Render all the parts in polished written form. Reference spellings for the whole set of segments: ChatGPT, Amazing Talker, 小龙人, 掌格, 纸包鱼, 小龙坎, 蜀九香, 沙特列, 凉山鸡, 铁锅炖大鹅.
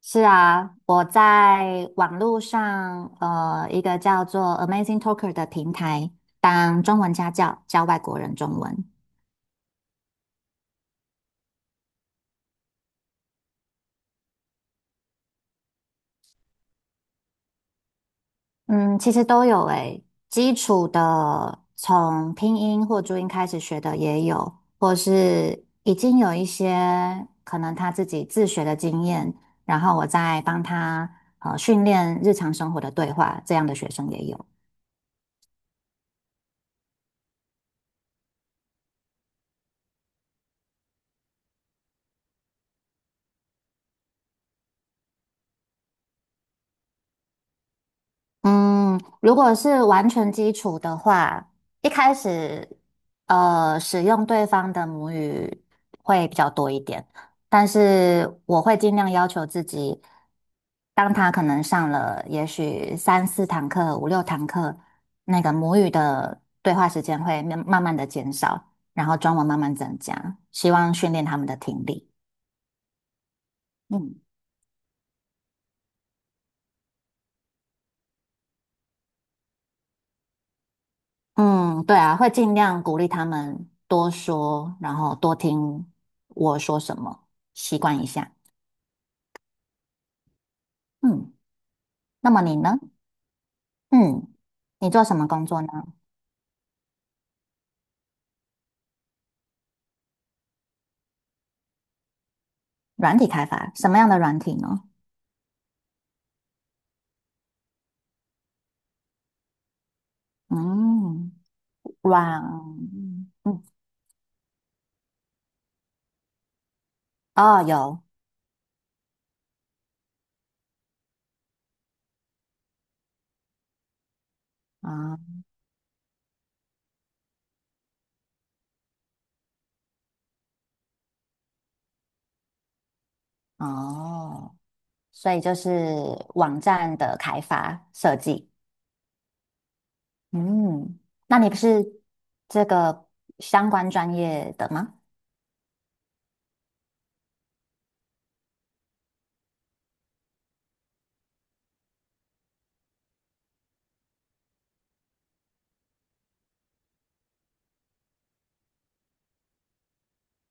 是啊，我在网络上一个叫做 Amazing Talker 的平台当中文家教，教外国人中文。嗯，其实都有诶，基础的从拼音或注音开始学的也有，或是已经有一些可能他自己自学的经验，然后我再帮他训练日常生活的对话，这样的学生也有。嗯，如果是完全基础的话，一开始使用对方的母语会比较多一点，但是我会尽量要求自己，当他可能上了也许三四堂课、五六堂课，那个母语的对话时间会慢慢慢的减少，然后中文慢慢增加，希望训练他们的听力。嗯。嗯，对啊，会尽量鼓励他们多说，然后多听我说什么，习惯一下。嗯，那么你呢？嗯，你做什么工作呢？软体开发，什么样的软体呢？嗯，软，哦，有啊。哦，所以就是网站的开发设计。嗯，那你不是这个相关专业的吗？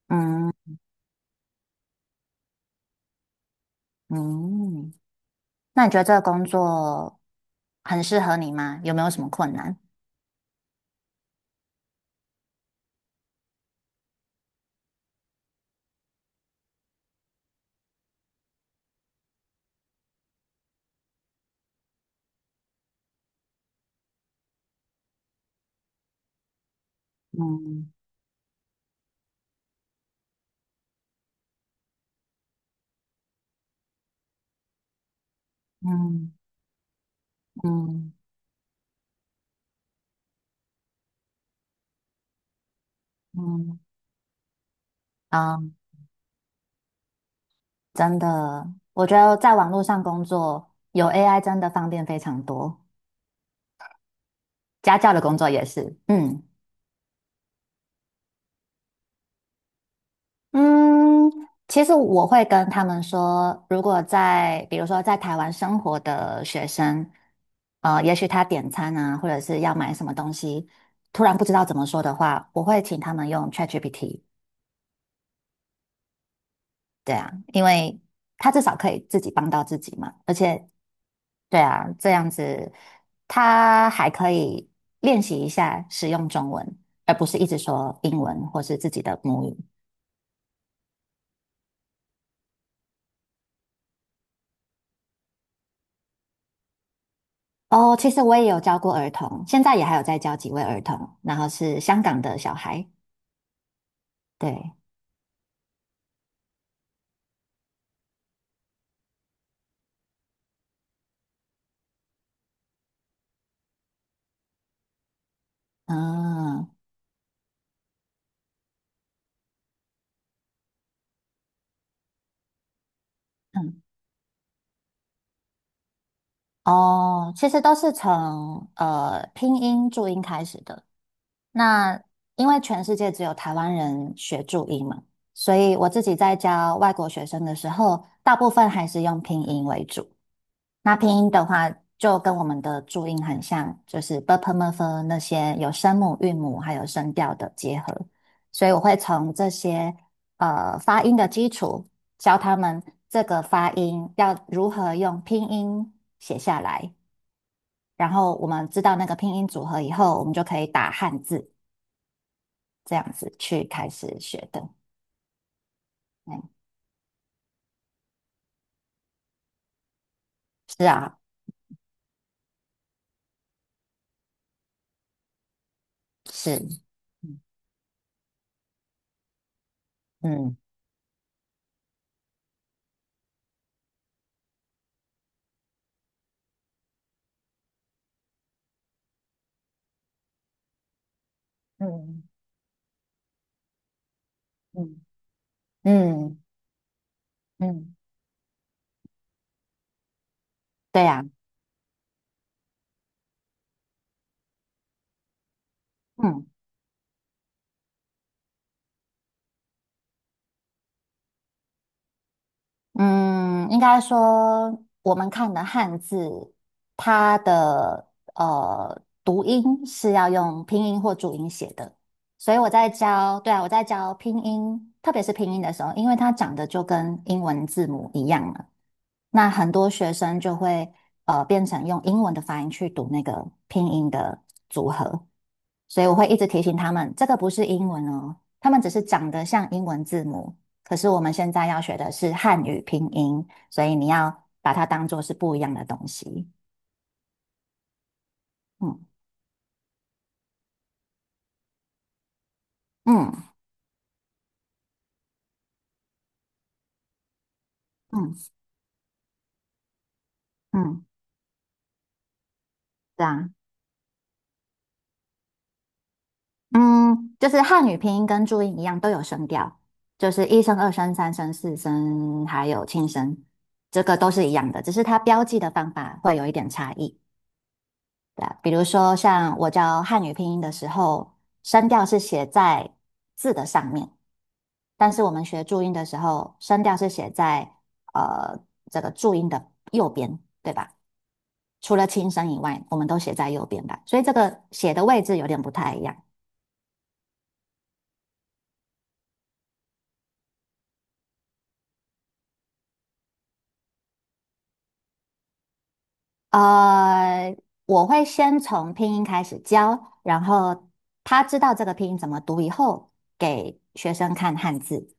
嗯。嗯。那你觉得这个工作很适合你吗？有没有什么困难？嗯。嗯。嗯。嗯。啊，真的，我觉得在网络上工作有 AI 真的方便非常多，家教的工作也是。嗯。嗯，其实我会跟他们说，如果在比如说在台湾生活的学生，也许他点餐啊，或者是要买什么东西，突然不知道怎么说的话，我会请他们用 ChatGPT。对啊，因为他至少可以自己帮到自己嘛，而且对啊，这样子他还可以练习一下使用中文，而不是一直说英文或是自己的母语。哦，其实我也有教过儿童，现在也还有在教几位儿童，然后是香港的小孩。对。嗯。嗯。哦，其实都是从拼音注音开始的。那因为全世界只有台湾人学注音嘛，所以我自己在教外国学生的时候，大部分还是用拼音为主。那拼音的话，就跟我们的注音很像，就是 b p m f 那些有声母、韵母还有声调的结合。所以我会从这些发音的基础，教他们这个发音要如何用拼音写下来。然后我们知道那个拼音组合以后，我们就可以打汉字，这样子去开始学的。嗯。是啊。是。嗯。嗯。嗯。嗯。嗯。嗯。对呀、啊。嗯。嗯，应该说我们看的汉字，它的读音是要用拼音或注音写的，所以我在教，对啊，我在教拼音，特别是拼音的时候，因为它长得就跟英文字母一样了，那很多学生就会变成用英文的发音去读那个拼音的组合。所以我会一直提醒他们，这个不是英文哦，他们只是长得像英文字母。可是我们现在要学的是汉语拼音，所以你要把它当做是不一样的东西。嗯。嗯。嗯。嗯。对啊。嗯，就是汉语拼音跟注音一样都有声调，就是一声、二声、三声、四声，还有轻声，这个都是一样的，只是它标记的方法会有一点差异。对啊，比如说像我教汉语拼音的时候，声调是写在字的上面，但是我们学注音的时候，声调是写在呃这个注音的右边，对吧？除了轻声以外，我们都写在右边吧，所以这个写的位置有点不太一样。呃，我会先从拼音开始教，然后他知道这个拼音怎么读以后，给学生看汉字，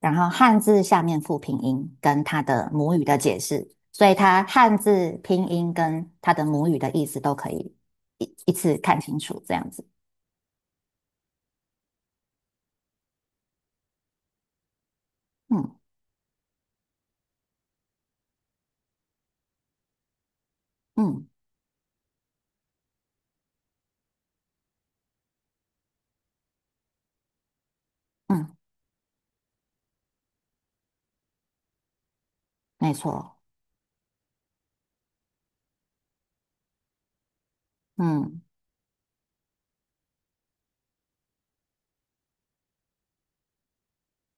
然后汉字下面附拼音跟他的母语的解释，所以他汉字拼音跟他的母语的意思都可以一一次看清楚，这样子。嗯。嗯。嗯。没错。嗯。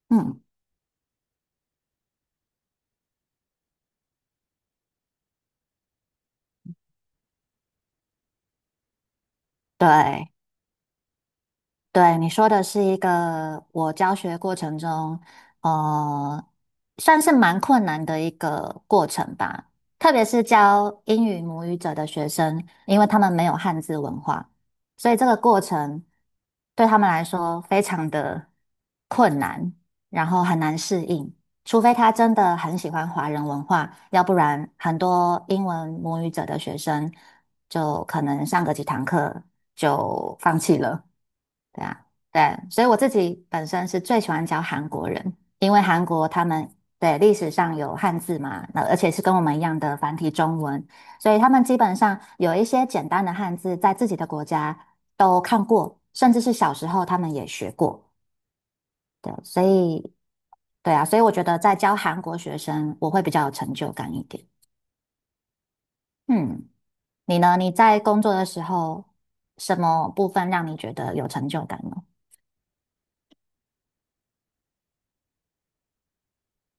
嗯。对。对，你说的是一个我教学过程中，呃，算是蛮困难的一个过程吧。特别是教英语母语者的学生，因为他们没有汉字文化，所以这个过程对他们来说非常的困难，然后很难适应。除非他真的很喜欢华人文化，要不然很多英文母语者的学生就可能上个几堂课就放弃了。对啊。对，所以我自己本身是最喜欢教韩国人，因为韩国他们对历史上有汉字嘛，那而且是跟我们一样的繁体中文，所以他们基本上有一些简单的汉字在自己的国家都看过，甚至是小时候他们也学过。对，所以对啊，所以我觉得在教韩国学生，我会比较有成就感一点。嗯，你呢？你在工作的时候，什么部分让你觉得有成就感呢？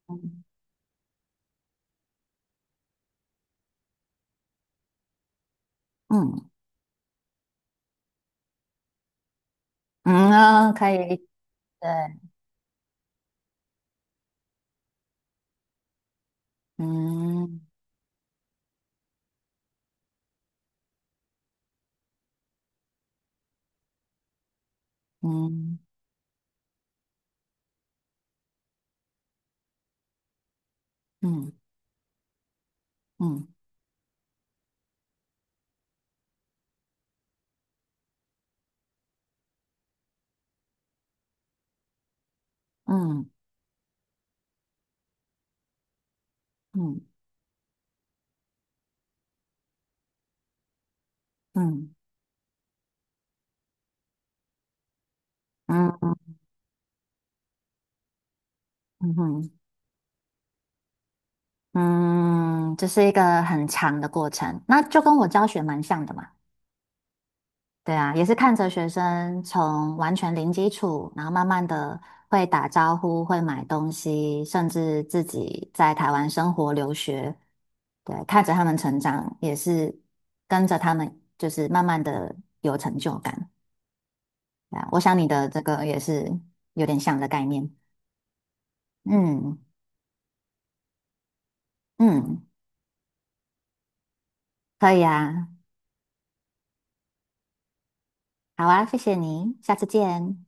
嗯。嗯。嗯啊，可以，对。解。嗯。嗯。嗯。嗯。嗯。嗯。嗯。嗯。嗯。嗯，嗯，这是一个很长的过程，那就跟我教学蛮像的嘛。对啊，也是看着学生从完全零基础，然后慢慢的会打招呼、会买东西，甚至自己在台湾生活留学，对，看着他们成长，也是跟着他们就是慢慢的有成就感。啊，我想你的这个也是有点像的概念。嗯。嗯。可以啊。好啊，谢谢你，下次见。